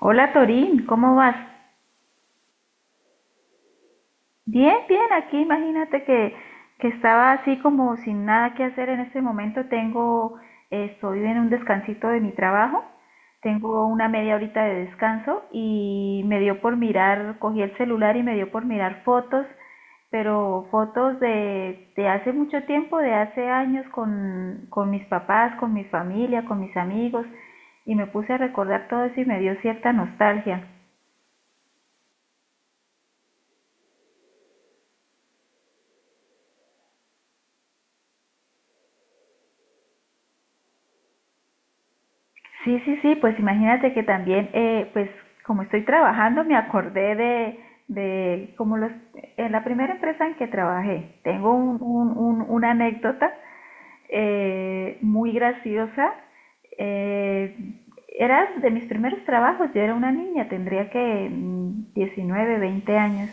Hola Torín, ¿cómo vas? Bien, bien, aquí imagínate que estaba así como sin nada que hacer en este momento. Tengo, estoy en un descansito de mi trabajo, tengo una media horita de descanso y me dio por mirar, cogí el celular y me dio por mirar fotos, pero fotos de hace mucho tiempo, de hace años con mis papás, con mi familia, con mis amigos y me puse a recordar todo eso y me dio cierta nostalgia. Sí, sí, sí, pues imagínate que también, pues como estoy trabajando, me acordé de como en la primera empresa en que trabajé, tengo una anécdota muy graciosa. Eh, Era de mis primeros trabajos, yo era una niña, tendría que 19, 20 años.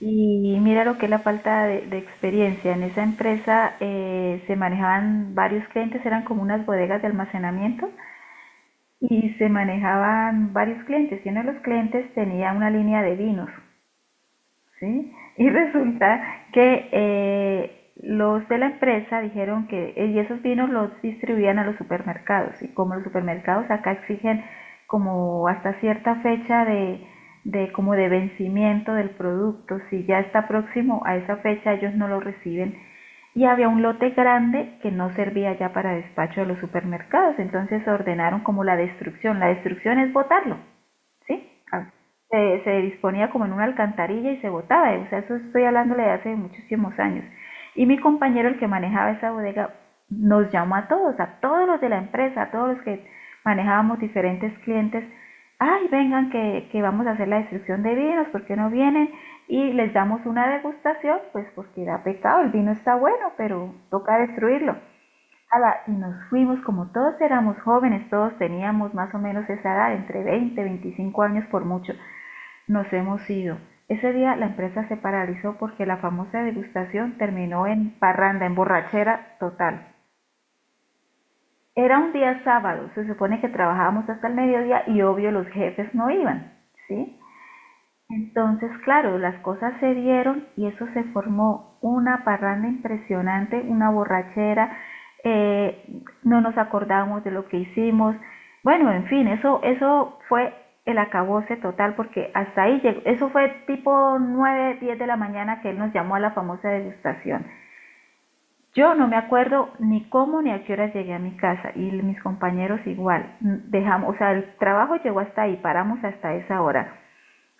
Y mira lo que es la falta de experiencia. En esa empresa se manejaban varios clientes, eran como unas bodegas de almacenamiento y se manejaban varios clientes y uno de los clientes tenía una línea de vinos, ¿sí? Y resulta que los de la empresa dijeron que y esos vinos los distribuían a los supermercados y como los supermercados acá exigen como hasta cierta fecha de como de vencimiento del producto, si ya está próximo a esa fecha ellos no lo reciben y había un lote grande que no servía ya para despacho de los supermercados, entonces ordenaron como la destrucción. La destrucción es botarlo. ¿Sí? Ah. Se disponía como en una alcantarilla y se botaba, o sea, eso estoy hablándole de hace muchísimos años. Y mi compañero, el que manejaba esa bodega, nos llamó a todos los de la empresa, a todos los que manejábamos diferentes clientes, ay, vengan que vamos a hacer la destrucción de vinos, ¿por qué no vienen? Y les damos una degustación, pues porque da pecado, el vino está bueno, pero toca destruirlo. Ala, y nos fuimos, como todos éramos jóvenes, todos teníamos más o menos esa edad, entre 20-25 años por mucho, nos hemos ido. Ese día la empresa se paralizó porque la famosa degustación terminó en parranda, en borrachera total. Era un día sábado, se supone que trabajábamos hasta el mediodía y obvio los jefes no iban, ¿sí? Entonces claro, las cosas se dieron y eso se formó una parranda impresionante, una borrachera, no nos acordamos de lo que hicimos. Bueno, en fin, eso fue el acabose total porque hasta ahí llegó. Eso fue tipo 9, 10 de la mañana que él nos llamó a la famosa degustación. Yo no me acuerdo ni cómo ni a qué hora llegué a mi casa y mis compañeros igual. Dejamos, o sea, el trabajo llegó hasta ahí, paramos hasta esa hora.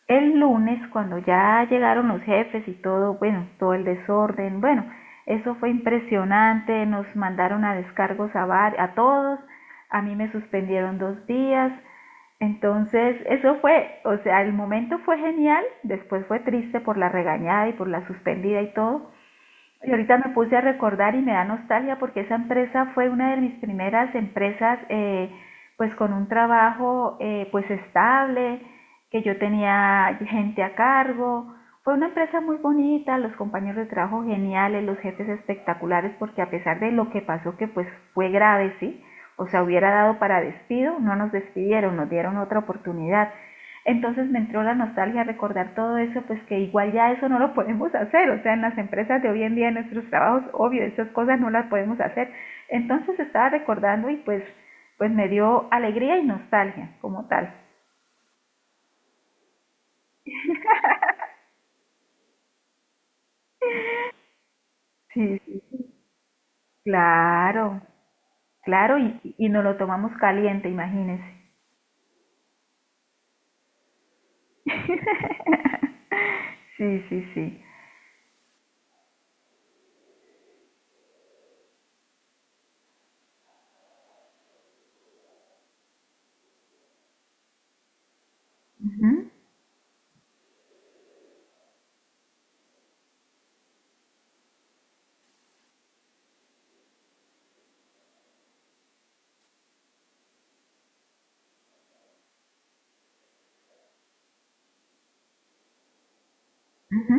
El lunes, cuando ya llegaron los jefes y todo, bueno, todo el desorden, bueno, eso fue impresionante, nos mandaron a descargos a, a todos, a mí me suspendieron 2 días, entonces eso fue, o sea, el momento fue genial, después fue triste por la regañada y por la suspendida y todo, y ahorita me puse a recordar y me da nostalgia porque esa empresa fue una de mis primeras empresas, pues con un trabajo pues estable, que yo tenía gente a cargo. Fue una empresa muy bonita, los compañeros de trabajo geniales, los jefes espectaculares, porque a pesar de lo que pasó, que pues fue grave, ¿sí? O sea, hubiera dado para despido, no nos despidieron, nos dieron otra oportunidad. Entonces me entró la nostalgia a recordar todo eso, pues que igual ya eso no lo podemos hacer, o sea, en las empresas de hoy en día, en nuestros trabajos, obvio, esas cosas no las podemos hacer. Entonces estaba recordando y pues, pues me dio alegría y nostalgia como tal. Sí, sí, sí. Claro, claro, y nos lo tomamos caliente, imagínense. Sí, sí, sí. Ujú, ujú.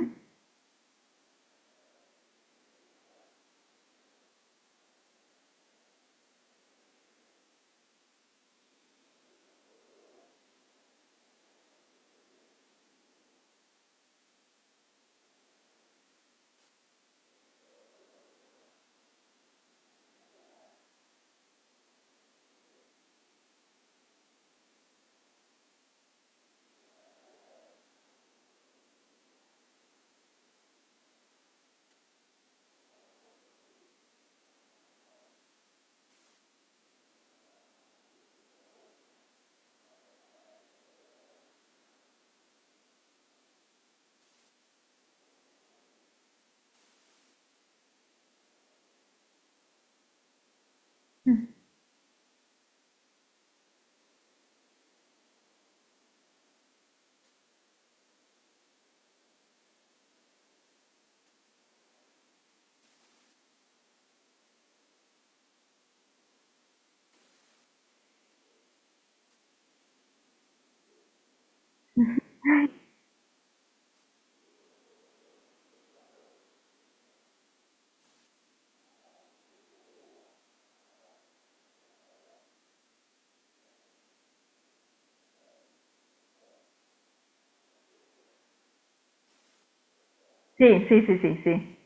Sí, sí, sí, sí, sí.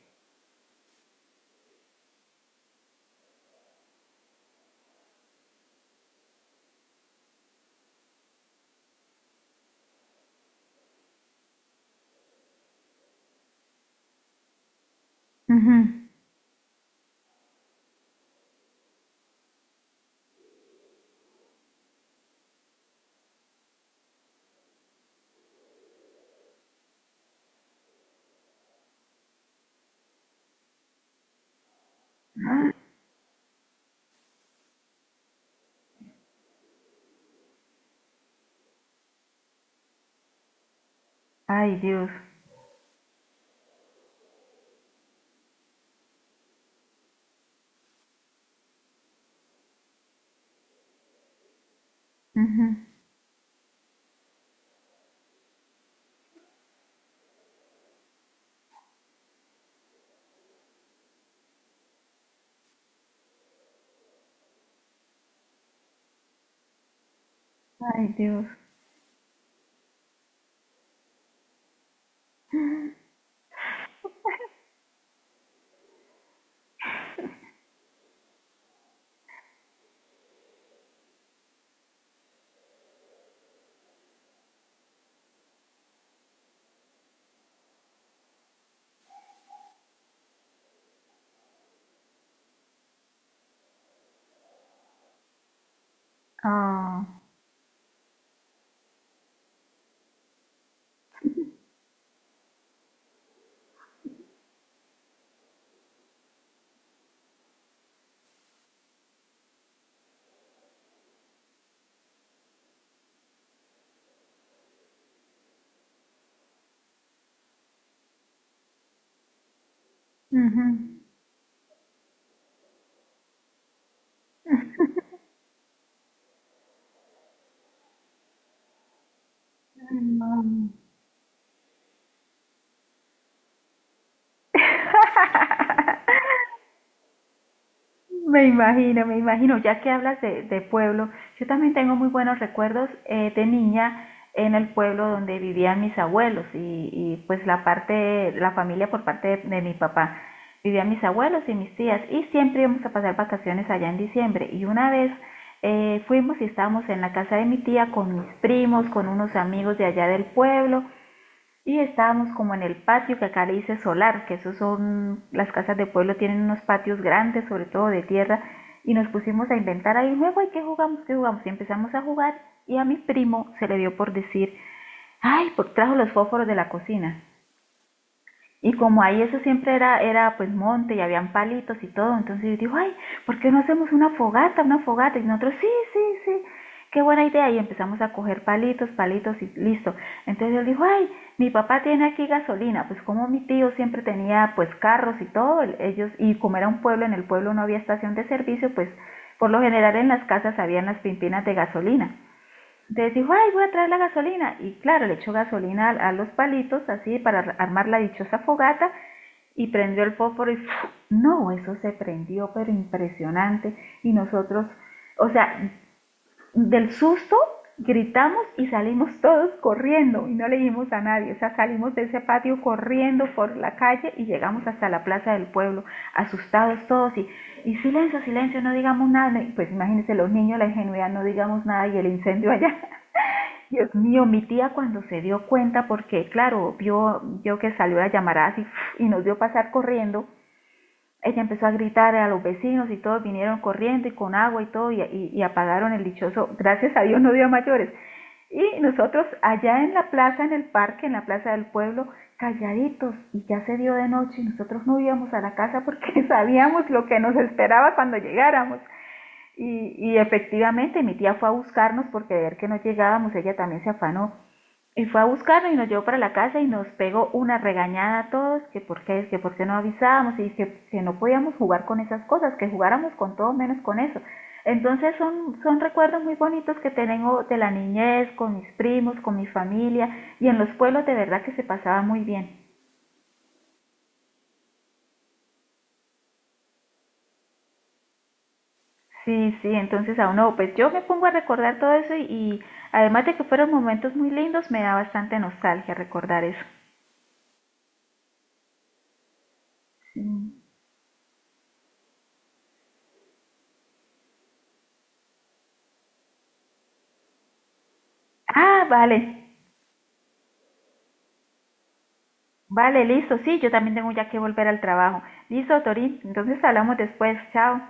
Ujú. Ay, Dios. Ujú. Ay, Dios. Ah. Ujú. Mm. Me imagino, ya que hablas de pueblo, yo también tengo muy buenos recuerdos de niña en el pueblo donde vivían mis abuelos y, pues la parte, la familia por parte de mi papá. Vivían mis abuelos y mis tías y siempre íbamos a pasar vacaciones allá en diciembre y una vez fuimos y estábamos en la casa de mi tía con mis primos, con unos amigos de allá del pueblo. Y estábamos como en el patio, que acá le dice solar, que esos son, las casas de pueblo tienen unos patios grandes, sobre todo de tierra, y nos pusimos a inventar ahí juego, ¿y qué jugamos? ¿Qué jugamos? Y empezamos a jugar, y a mi primo se le dio por decir, ay, por, trajo los fósforos de la cocina. Y como ahí eso siempre era, era pues monte y habían palitos y todo, entonces yo digo, ay, ¿por qué no hacemos una fogata, una fogata? Y nosotros, sí, sí, sí, qué buena idea. Y empezamos a coger palitos, palitos y listo. Entonces él dijo, ay, mi papá tiene aquí gasolina. Pues como mi tío siempre tenía pues carros y todo, ellos, y como era un pueblo, en el pueblo no había estación de servicio, pues por lo general en las casas habían las pimpinas de gasolina. Entonces dijo, ay, voy a traer la gasolina. Y claro, le echó gasolina a los palitos, así, para armar la dichosa fogata, y prendió el fósforo y ¡fu! No, eso se prendió, pero impresionante. Y nosotros, o sea, del susto gritamos y salimos todos corriendo y no le dijimos a nadie, o sea, salimos de ese patio corriendo por la calle y llegamos hasta la plaza del pueblo, asustados todos y silencio, silencio, no digamos nada, pues imagínense los niños, la ingenuidad, no digamos nada y el incendio allá. Dios mío, mi tía cuando se dio cuenta, porque claro, vio que salió la llamarada así y nos vio pasar corriendo, ella empezó a gritar a los vecinos y todos vinieron corriendo y con agua y todo y apagaron el dichoso, gracias a Dios no dio mayores. Y nosotros allá en la plaza, en el parque, en la plaza del pueblo, calladitos y ya se dio de noche y nosotros no íbamos a la casa porque sabíamos lo que nos esperaba cuando llegáramos. Y efectivamente mi tía fue a buscarnos porque de ver que no llegábamos ella también se afanó y fue a buscarnos y nos llevó para la casa y nos pegó una regañada a todos, que por qué no avisábamos y que no podíamos jugar con esas cosas, que jugáramos con todo menos con eso. Entonces son, recuerdos muy bonitos que tengo de la niñez, con mis primos, con mi familia y en los pueblos de verdad que se pasaba muy bien. Sí, sí, entonces a uno, pues yo me pongo a recordar todo eso y además de que fueron momentos muy lindos, me da bastante nostalgia recordar eso. Mm. Ah, vale. Vale, listo. Sí, yo también tengo ya que volver al trabajo. Listo, Torín. Entonces hablamos después. Chao.